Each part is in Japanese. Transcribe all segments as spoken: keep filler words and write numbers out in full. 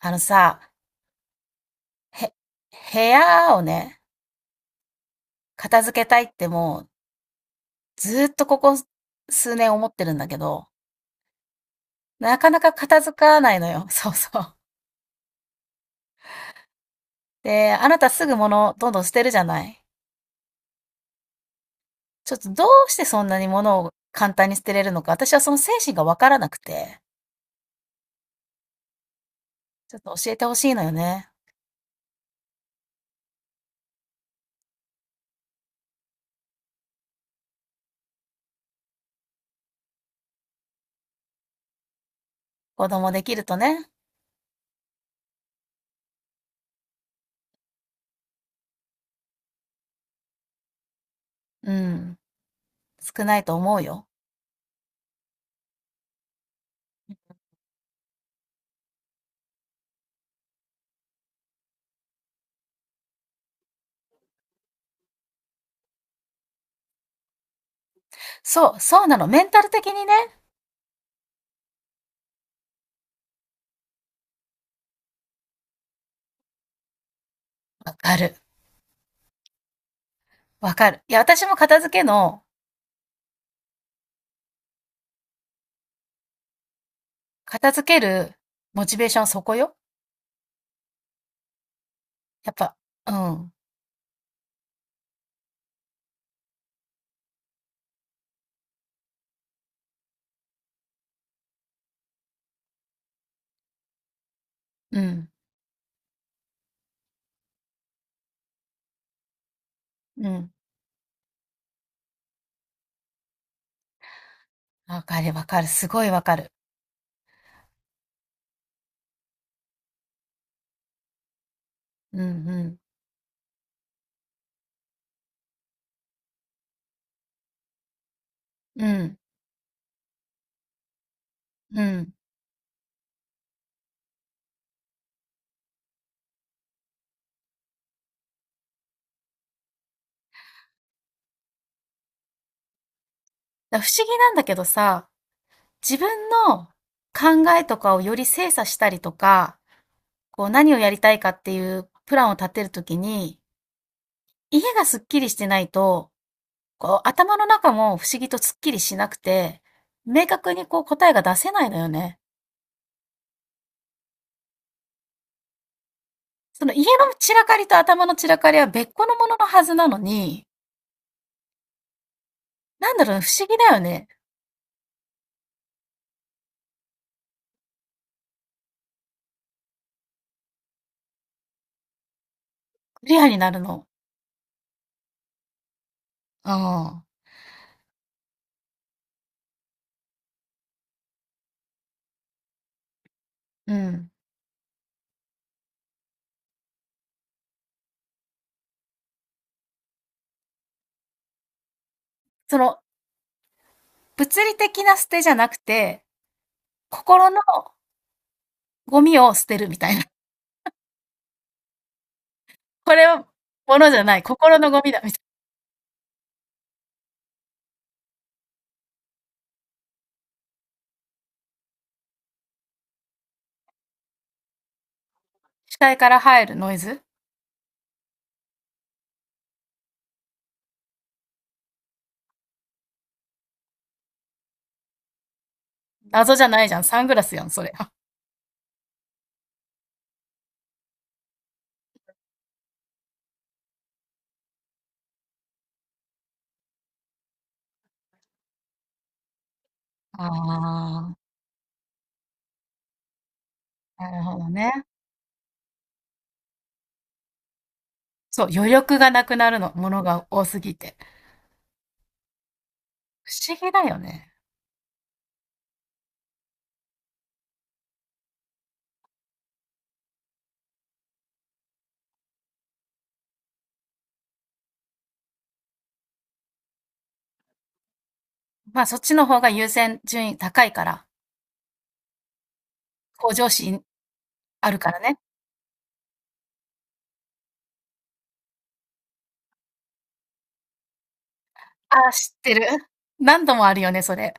あのさ、へ、部屋をね、片付けたいってもう、ずーっとここ数年思ってるんだけど、なかなか片付かないのよ。そうそう。で、あなたすぐ物どんどん捨てるじゃない。ちょっとどうしてそんなに物を簡単に捨てれるのか、私はその精神がわからなくて、ちょっと教えてほしいのよね。子供できるとね。うん。少ないと思うよ。そう、そうなの。メンタル的にね。わかる。わかる。いや、私も片付けの片付けるモチベーションはそこよ。やっぱ、うん、うん、うん。わかるわかる。すごいわかる。うん、うん、うん、うん。だから不思議なんだけどさ、自分の考えとかをより精査したりとか、こう何をやりたいかっていうプランを立てるときに、家がすっきりしてないと、こう頭の中も不思議とすっきりしなくて、明確にこう答えが出せないのよね。その家の散らかりと頭の散らかりは別個のもののはずなのに、なんだろうね、不思議だよね。クリアになるの。ああ、うん。その、物理的な捨てじゃなくて、心のゴミを捨てるみたいな。これは物じゃない、心のゴミだ、みたいな。視界から入るノイズ。謎じゃないじゃん。サングラスやん、それ。ああ、なるほどね。そう、余力がなくなるの、ものが多すぎて。不思議だよね。まあ、そっちの方が優先順位高いから、向上心あるからね。ああ、知ってる。何度もあるよね、それ。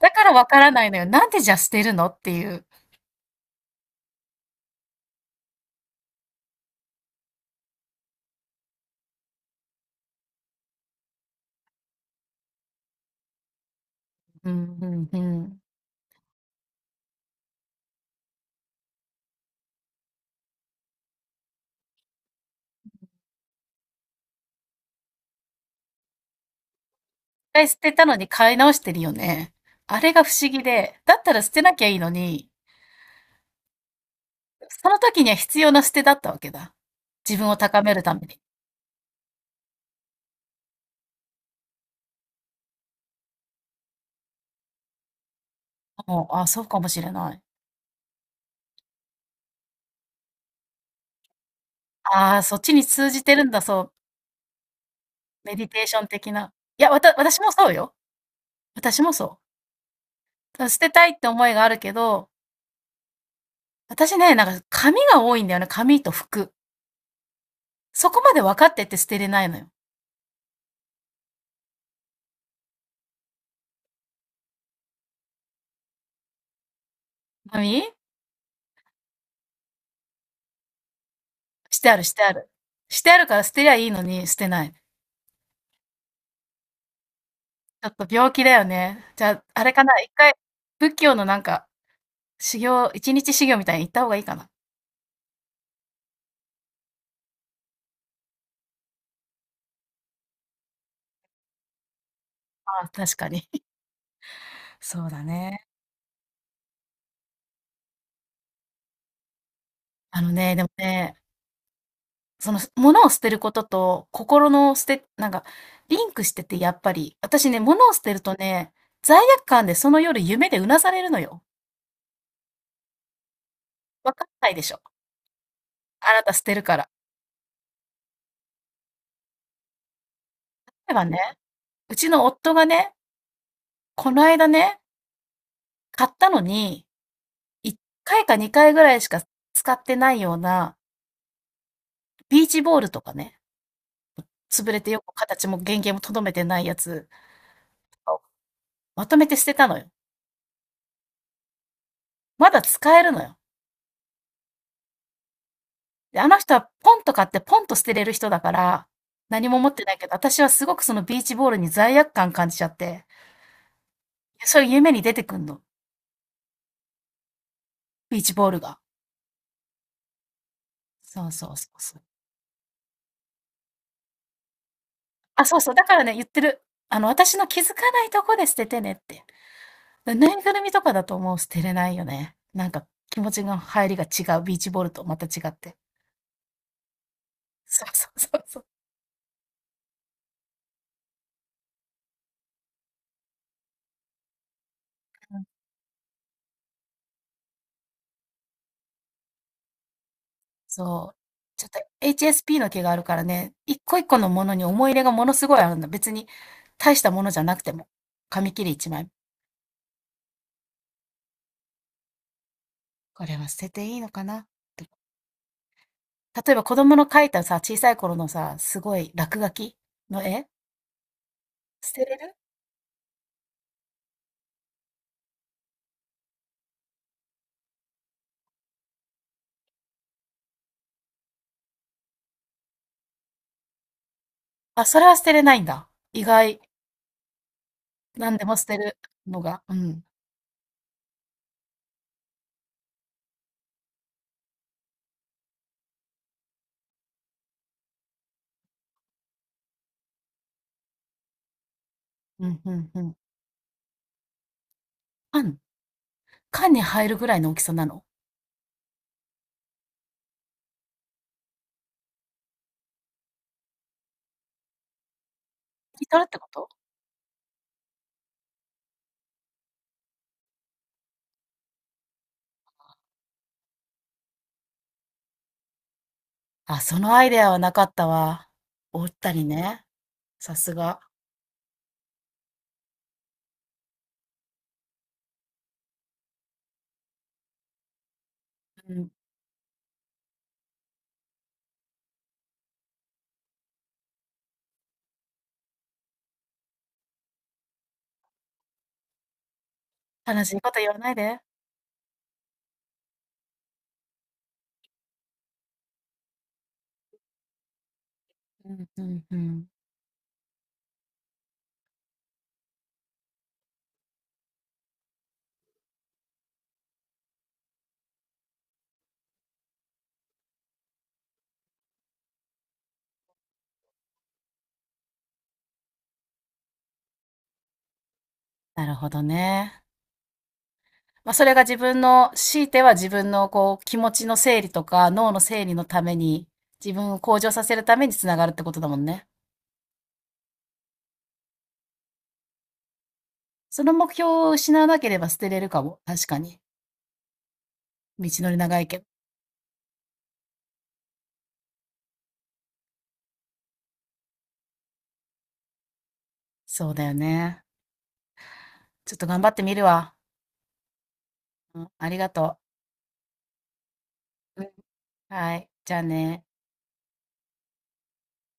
だからわからないのよ。なんでじゃあ捨てるのっていう。うん、うん、うん。一回捨てたのに買い直してるよね。あれが不思議で、だったら捨てなきゃいいのに、その時には必要な捨てだったわけだ。自分を高めるために。もう、あ、そうかもしれない。ああ、そっちに通じてるんだ、そう。メディテーション的な。いや、わた、私もそうよ。私もそう。捨てたいって思いがあるけど、私ね、なんか紙が多いんだよね。紙と服。そこまで分かってて捨てれないのよ。紙してあるしてある。してあるから捨てりゃいいのに、捨てない。ちょっと病気だよね。じゃあ、あれかな、一回、仏教のなんか、修行、一日修行みたいに行った方がいいかな。ああ、確かに。そうだね。あのね、でもね、その、物を捨てることと、心の捨てなんか、リンクしてて、やっぱり。私ね、物を捨てるとね、罪悪感でその夜夢でうなされるのよ。わかんないでしょ。あなた捨てるから。例えばね、うちの夫がね、この間ね、買ったのにいっかいかにかいぐらいしか使ってないような、ビーチボールとかね、潰れてよく形も原型もとどめてないやつをまとめて捨てたのよ。まだ使えるのよ。で、あの人はポンと買ってポンと捨てれる人だから、何も持ってないけど、私はすごくそのビーチボールに罪悪感感じちゃって、そういう夢に出てくんの、ビーチボールが。そうそうそうそう。あ、そうそう、だからね、言ってる。あの、私の気づかないとこで捨ててねって。ぬいぐるみとかだともう捨てれないよね。なんか気持ちの入りが違う、ビーチボールとまた違って。そうそうそうそう。うん、そう。ちょっと エイチエスピー の毛があるからね、一個一個のものに思い入れがものすごいあるんだ。別に大したものじゃなくても。紙切れいちまい。これは捨てていいのかな、とか例えば子供の描いたさ、小さい頃のさ、すごい落書きの絵捨てれる。あ、それは捨てれないんだ。意外。何でも捨てるのが。うん。うん、うん、うん。あんの、缶に入るぐらいの大きさなの？リットルってこと？あ、そのアイデアはなかったわ。おったりね、さすが。うん。悲しいこと言わないで。うん、うん、うん。なるほどね。まあ、それが自分の強いては自分のこう、気持ちの整理とか、脳の整理のために、自分を向上させるために繋がるってことだもんね。その目標を失わなければ捨てれるかも、確かに。道のり長いけど。そうだよね。ちょっと頑張ってみるわ。うん、ありがとう。うん、はい、じゃあね。